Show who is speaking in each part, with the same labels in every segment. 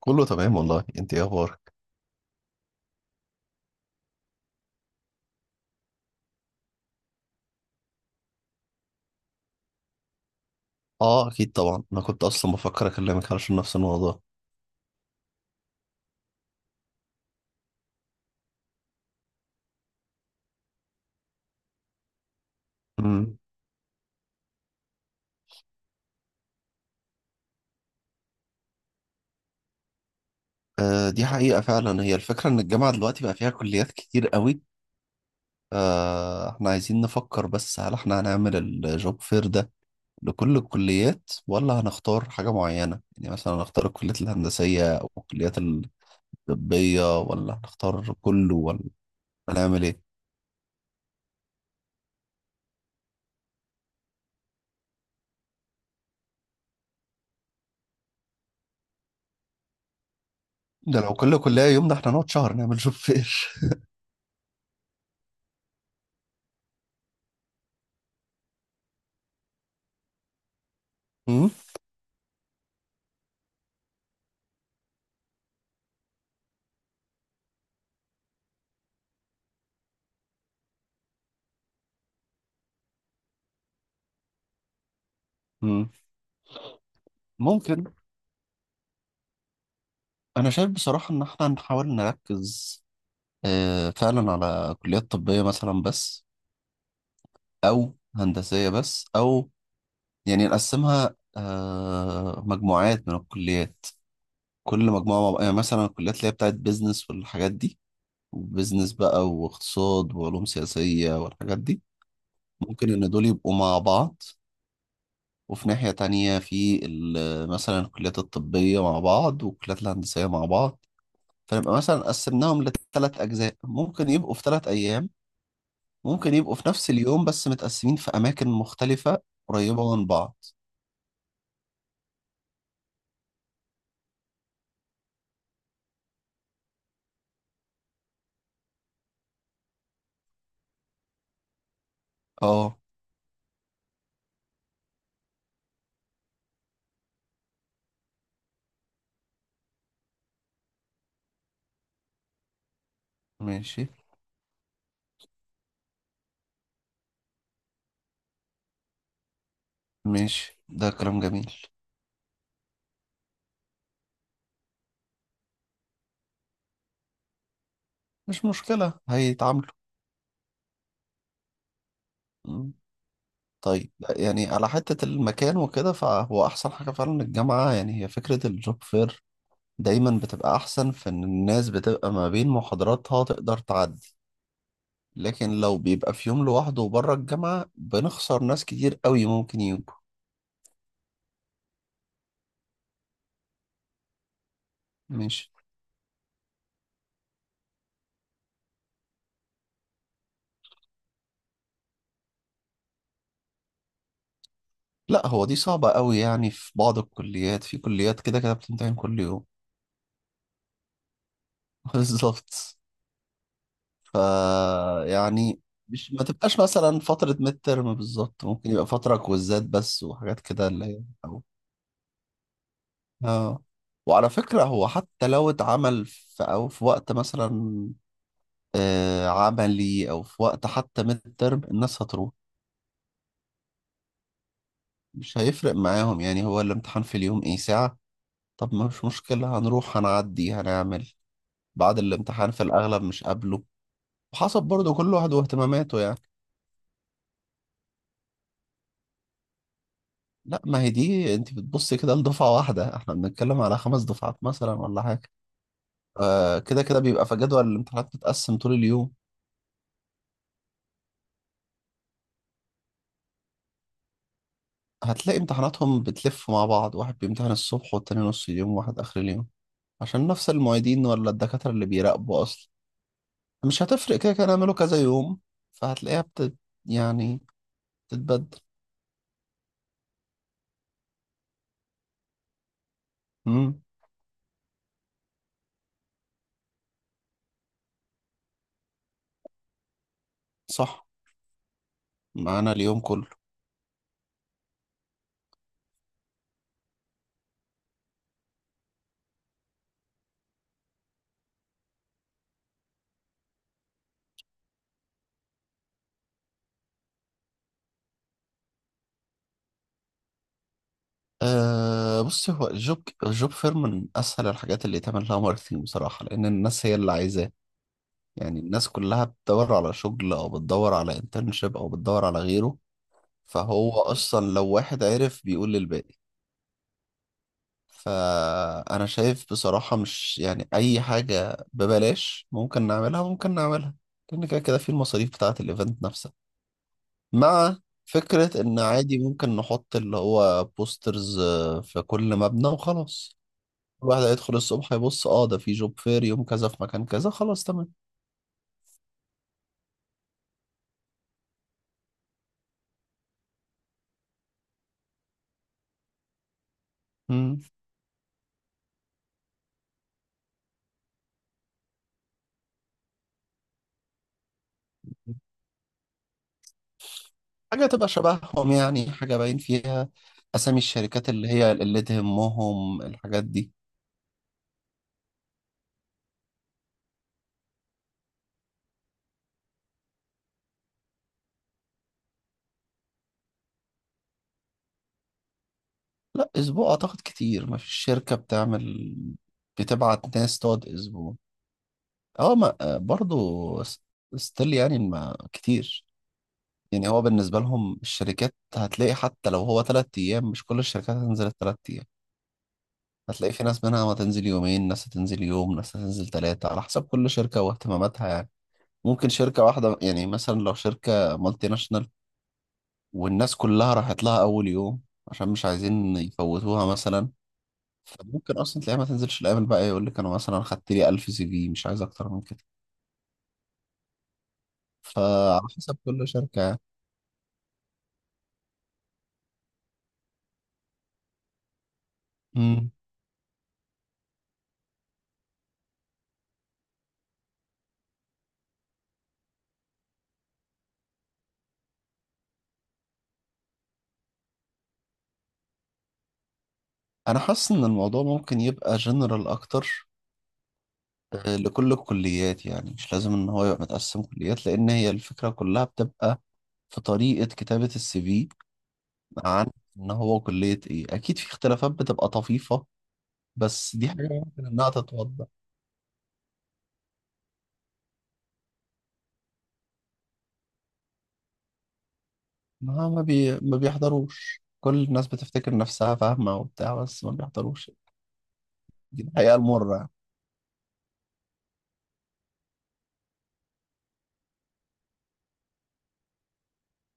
Speaker 1: كله تمام والله، انت ايه اخبارك؟ اه اكيد طبعا، انا كنت اصلا بفكر اكلمك علشان نفس الموضوع. امم آه دي حقيقة، فعلا هي الفكرة ان الجامعة دلوقتي بقى فيها كليات كتير قوي. احنا عايزين نفكر، بس هل احنا هنعمل الجوب فير ده لكل الكليات، ولا هنختار حاجة معينة؟ يعني مثلا هنختار الكليات الهندسية او الكليات الطبية، ولا هنختار كله، ولا هنعمل ايه؟ ده لو كل كلية يوم، ده احنا نقعد شهر نعمل جوب فير. مم؟ مم. ممكن. أنا شايف بصراحة إن إحنا نحاول نركز فعلا على كليات طبية مثلا بس، أو هندسية بس، أو يعني نقسمها مجموعات من الكليات. كل مجموعة يعني مثلا الكليات اللي هي بتاعت بيزنس والحاجات دي، بيزنس بقى واقتصاد وعلوم سياسية والحاجات دي، ممكن إن دول يبقوا مع بعض. وفي ناحية تانية في مثلا الكليات الطبية مع بعض والكليات الهندسية مع بعض. فنبقى مثلا قسمناهم لثلاث أجزاء، ممكن يبقوا في ثلاث أيام، ممكن يبقوا في نفس اليوم بس متقسمين في أماكن مختلفة قريبة من بعض. اه. ماشي. ده كلام جميل. مش مشكلة، هيتعاملوا. مم. طيب لا، يعني على حتة المكان وكده، فهو أحسن حاجة فعلا الجامعة. يعني هي فكرة الجوب فير دايما بتبقى أحسن، في إن الناس بتبقى ما بين محاضراتها تقدر تعدي. لكن لو بيبقى في يوم لوحده وبره الجامعة، بنخسر ناس كتير قوي ممكن يجوا. ماشي. لا هو دي صعبة قوي، يعني في بعض الكليات، في كليات كده كده بتمتحن كل يوم. بالظبط. ف يعني مش ما تبقاش مثلا فترة ميد ترم بالظبط، ممكن يبقى فترة كويزات بس وحاجات كده اللي هي، أو اه. وعلى فكرة هو حتى لو اتعمل في أو في وقت مثلا عملي، أو في وقت حتى ميد ترم الناس هتروح. مش هيفرق معاهم، يعني هو الامتحان في اليوم إيه ساعة؟ طب ما مش مشكلة، هنروح هنعدي هنعمل. بعد الامتحان في الأغلب مش قابله. وحسب برضه كل واحد واهتماماته يعني. لا ما هي دي، انت بتبصي كده لدفعة واحدة، احنا بنتكلم على خمس دفعات مثلا ولا حاجة. آه كده كده بيبقى في جدول الامتحانات متقسم طول اليوم. هتلاقي امتحاناتهم بتلف مع بعض، واحد بيمتحن الصبح والتاني نص اليوم وواحد آخر اليوم، عشان نفس المعيدين ولا الدكاترة اللي بيراقبوا أصلا. مش هتفرق كده كده نعمله كذا يوم. فهتلاقيها بت يعني بتتبدل. امم. صح. معانا اليوم كله. أه بص، هو الجوب، الجوب فير من اسهل الحاجات اللي يتعمل لها ماركتنج بصراحه، لان الناس هي اللي عايزاه. يعني الناس كلها بتدور على شغل، او بتدور على انترنشيب، او بتدور على غيره. فهو اصلا لو واحد عرف بيقول للباقي. فانا شايف بصراحه مش يعني اي حاجه ببلاش، ممكن نعملها، لان كده كده في المصاريف بتاعه الايفنت نفسها. مع فكره ان عادي ممكن نحط اللي هو بوسترز في كل مبنى وخلاص. الواحد هيدخل الصبح يبص، اه ده في جوب فير يوم كذا في مكان كذا، خلاص تمام. مم. حاجة تبقى شبههم، يعني حاجة باين فيها أسامي الشركات اللي هي اللي تهمهم الحاجات دي. لا أسبوع أعتقد كتير، ما فيش شركة بتعمل، بتبعت ناس تقعد أسبوع. اه ما برضو ستيل يعني ما كتير. يعني هو بالنسبة لهم الشركات، هتلاقي حتى لو هو تلات أيام مش كل الشركات هتنزل التلات أيام. هتلاقي في ناس منها ما تنزل يومين، ناس هتنزل يوم، ناس هتنزل ثلاثة، على حسب كل شركة واهتماماتها يعني. ممكن شركة واحدة يعني مثلا، لو شركة مالتي ناشونال والناس كلها راحت لها أول يوم، عشان مش عايزين يفوتوها مثلا، فممكن أصلا تلاقيها ما تنزلش الأيام الباقية، يقول لك أنا مثلا خدت لي 1000 سي في مش عايز أكتر من كده. فعلى حسب كل شركة يعني. مم. أنا حاسس إن الموضوع ممكن يبقى جنرال أكتر، لكل الكليات. يعني مش لازم إن هو يبقى متقسم كليات، لأن هي الفكرة كلها بتبقى في طريقة كتابة السي في. عن ان هو كلية ايه، اكيد في اختلافات بتبقى طفيفة، بس دي حاجة ممكن انها تتوضح. ما ما, ما بيحضروش. كل الناس بتفتكر نفسها فاهمة وبتاع بس ما بيحضروش. دي الحقيقة المرة يعني.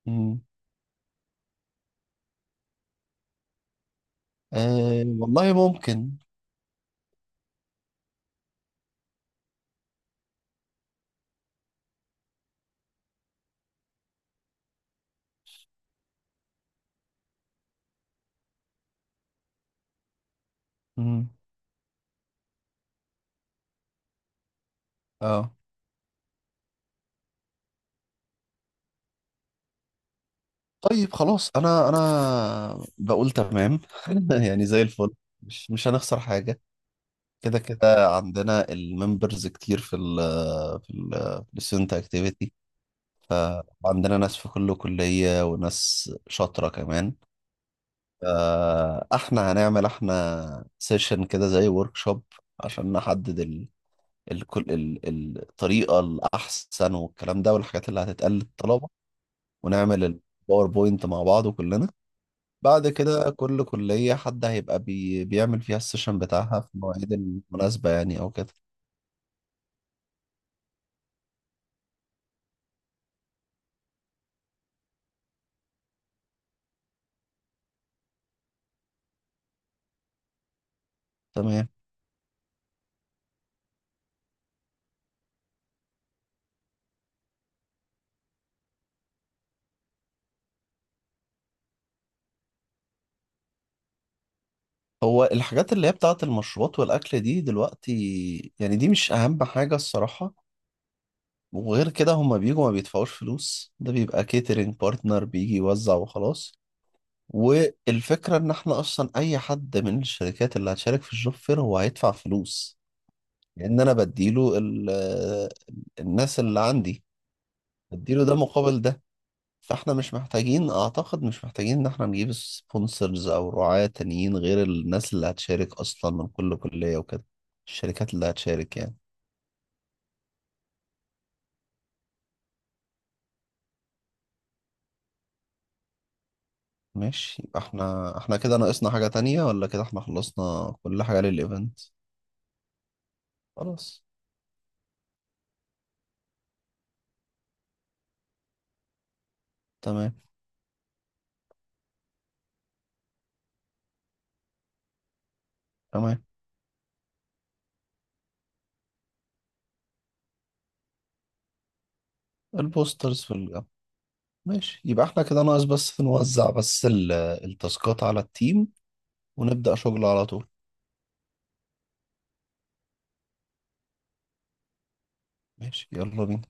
Speaker 1: مم. آه والله ممكن. مم. اه. طيب خلاص، انا انا بقول تمام. يعني زي الفل. مش هنخسر حاجة. كده كده عندنا الممبرز كتير في في ال في الستودنت اكتيفيتي. عندنا ناس في كل كلية، وناس شاطرة كمان. احنا هنعمل احنا سيشن كده زي ورك شوب، عشان نحدد الطريقة الأحسن والكلام ده والحاجات اللي هتتقال للطلبة. ونعمل الباوربوينت مع بعض كلنا. بعد كده كل كلية حد هيبقى بيعمل فيها السيشن بتاعها في المواعيد المناسبة يعني أو كده. تمام. هو الحاجات اللي هي بتاعة المشروبات والأكل دي دلوقتي، يعني دي مش أهم حاجة الصراحة. وغير كده هما بيجوا ما بيدفعوش فلوس، ده بيبقى كيترينج بارتنر بيجي يوزع وخلاص. والفكرة ان احنا اصلا اي حد من الشركات اللي هتشارك في الجوب فير هو هيدفع فلوس، لان انا بديله الناس اللي عندي. بديله ده مقابل ده. فاحنا مش محتاجين، اعتقد مش محتاجين ان احنا نجيب سبونسرز او رعاة تانيين غير الناس اللي هتشارك اصلا من كل كلية وكده، الشركات اللي هتشارك يعني. ماشي. يبقى احنا كده ناقصنا حاجة تانية ولا كده احنا خلصنا كل حاجة للايفنت؟ خلاص. تمام. تمام. البوسترز في الجامعة. ماشي، يبقى احنا كده ناقص بس نوزع بس التاسكات على التيم، ونبدأ شغل على طول. ماشي يلا بينا.